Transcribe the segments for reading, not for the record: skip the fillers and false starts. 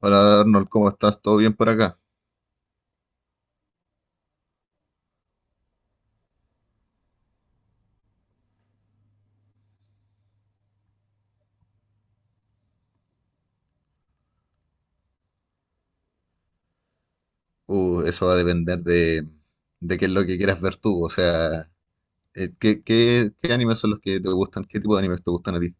Hola Arnold, ¿cómo estás? ¿Todo bien por acá? Eso va a depender de qué es lo que quieras ver tú. O sea, ¿qué animes son los que te gustan? ¿Qué tipo de animes te gustan a ti?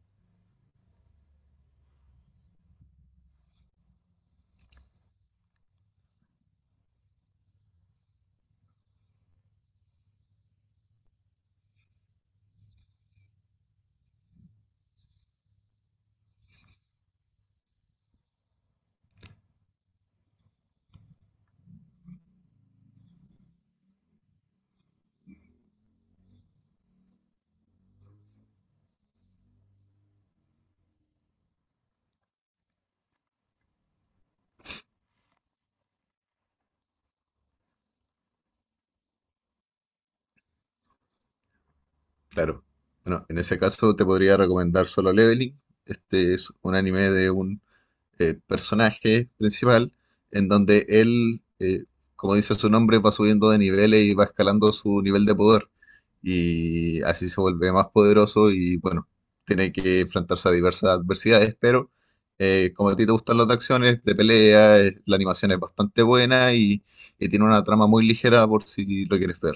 Claro. Bueno, en ese caso te podría recomendar Solo Leveling. Este es un anime de un personaje principal, en donde él como dice su nombre, va subiendo de niveles y va escalando su nivel de poder. Y así se vuelve más poderoso y bueno, tiene que enfrentarse a diversas adversidades, pero como a ti te gustan las de acciones, de pelea, la animación es bastante buena y tiene una trama muy ligera por si lo quieres ver.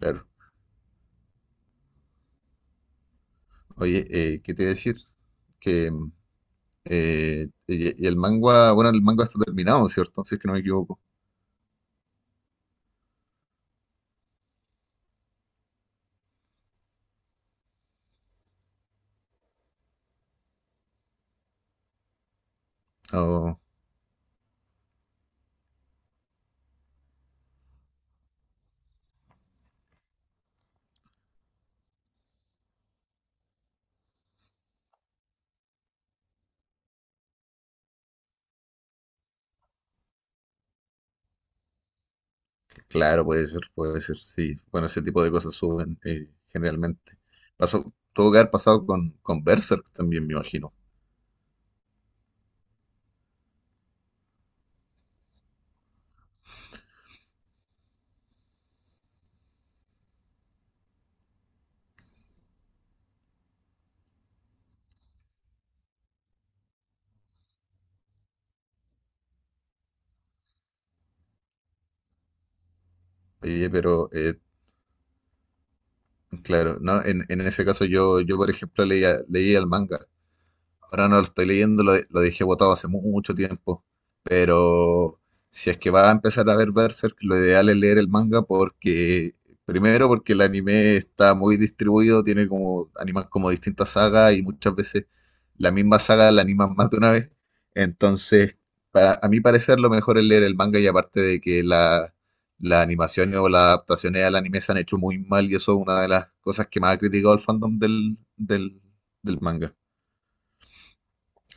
Claro. Oye, ¿qué te iba a decir? Que y el manga, bueno, el manga está terminado, ¿cierto? Si es que no me equivoco. Claro, puede ser, sí. Bueno, ese tipo de cosas suben generalmente. Pasó, tuvo que haber pasado con Berserk también, me imagino. Oye, pero claro, no, en ese caso yo, yo por ejemplo, leía el manga. Ahora no lo estoy leyendo, lo, lo dejé botado hace mucho tiempo. Pero si es que va a empezar a ver Berserk, lo ideal es leer el manga porque, primero, porque el anime está muy distribuido, tiene como animas como distintas sagas y muchas veces la misma saga la animan más de una vez. Entonces, para, a mi parecer, lo mejor es leer el manga y aparte de que la animación o las adaptaciones al anime se han hecho muy mal y eso es una de las cosas que más ha criticado el fandom del manga.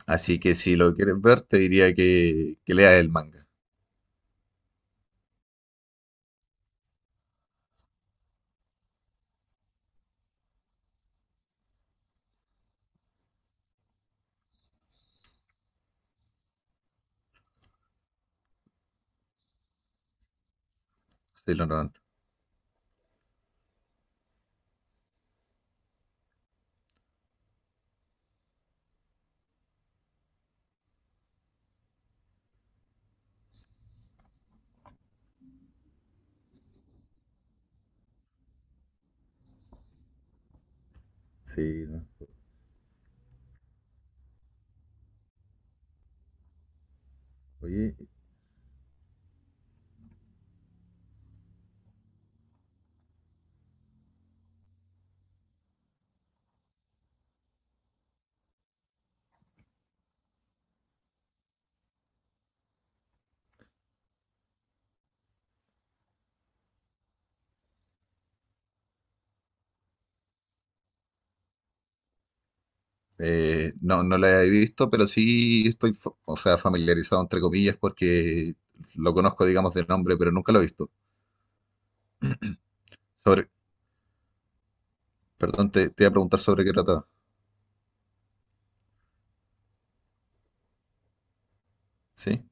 Así que si lo quieres ver, te diría que leas el manga, sí, lo 90. Sí, ¿no? Oye, no, no la he visto, pero sí estoy, o sea, familiarizado entre comillas porque lo conozco, digamos, de nombre, pero nunca lo he visto. Sobre, perdón, te, te iba a preguntar sobre qué trataba. ¿Sí?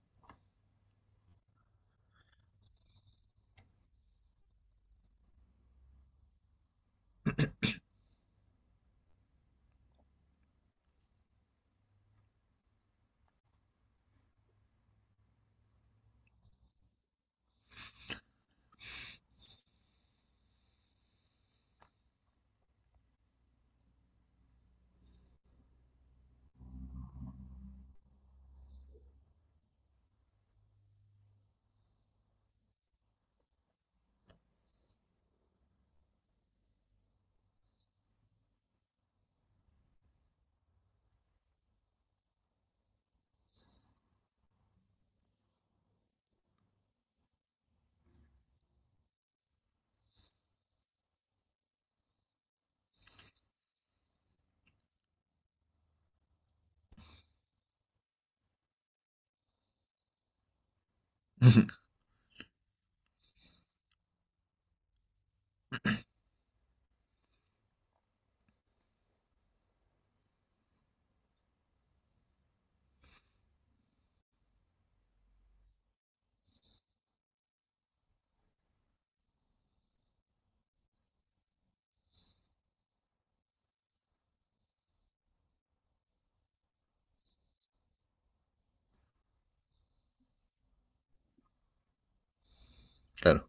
Claro,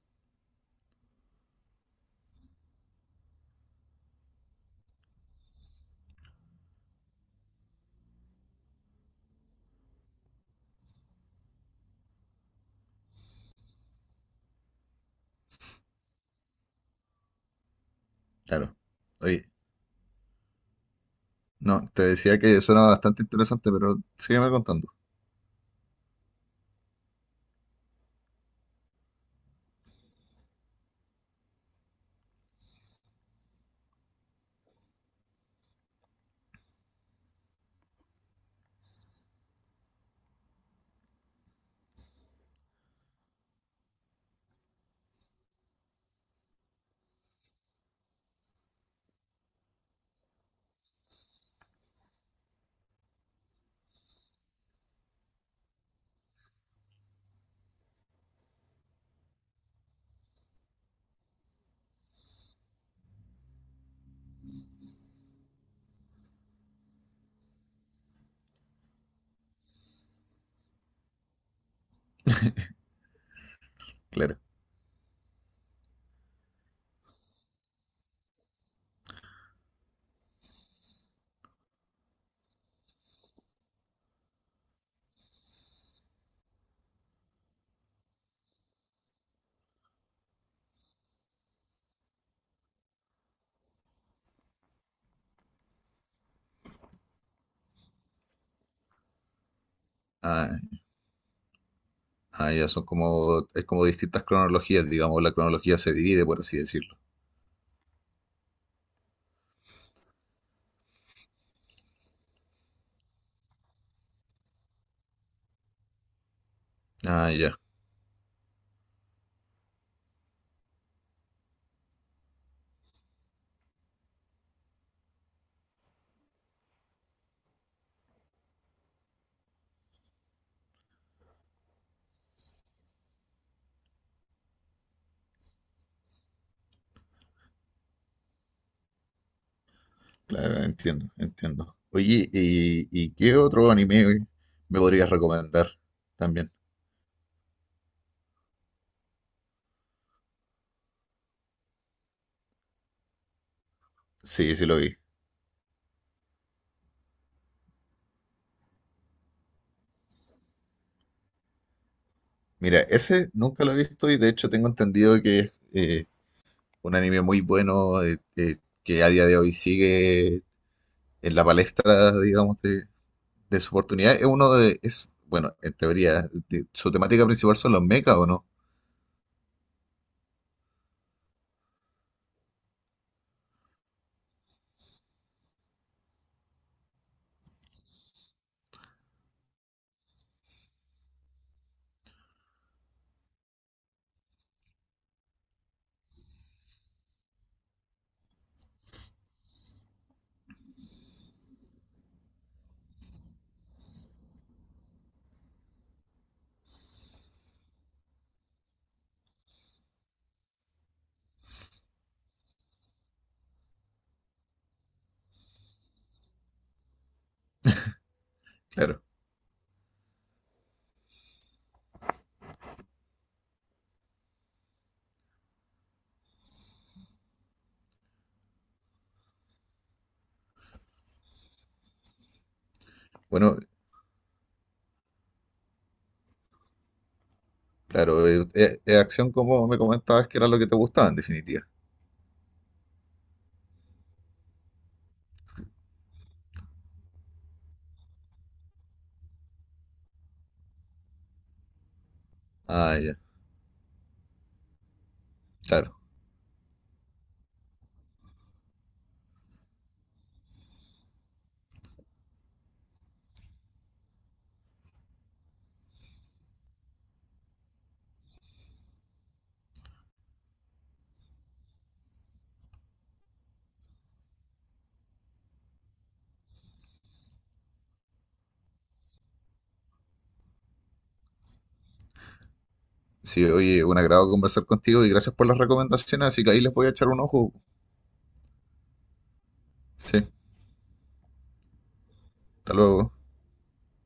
claro. Oye, no, te decía que suena bastante interesante, pero sígueme contando. Claro. Ah, ah, ya son como, es como distintas cronologías, digamos, la cronología se divide, por así decirlo. Ah, ya. Claro, entiendo, entiendo. Oye, y qué otro anime me podrías recomendar también? Sí, sí lo vi. Mira, ese nunca lo he visto y de hecho tengo entendido que es un anime muy bueno que a día de hoy sigue en la palestra, digamos, de su oportunidad. Es uno de, es, bueno, en teoría, su temática principal son los mechas, ¿o no? Claro. Bueno, claro, acción como me comentabas que era lo que te gustaba en definitiva. Ah, ya, claro. Sí, oye, un agrado conversar contigo y gracias por las recomendaciones, así que ahí les voy a echar un ojo. Sí, hasta luego.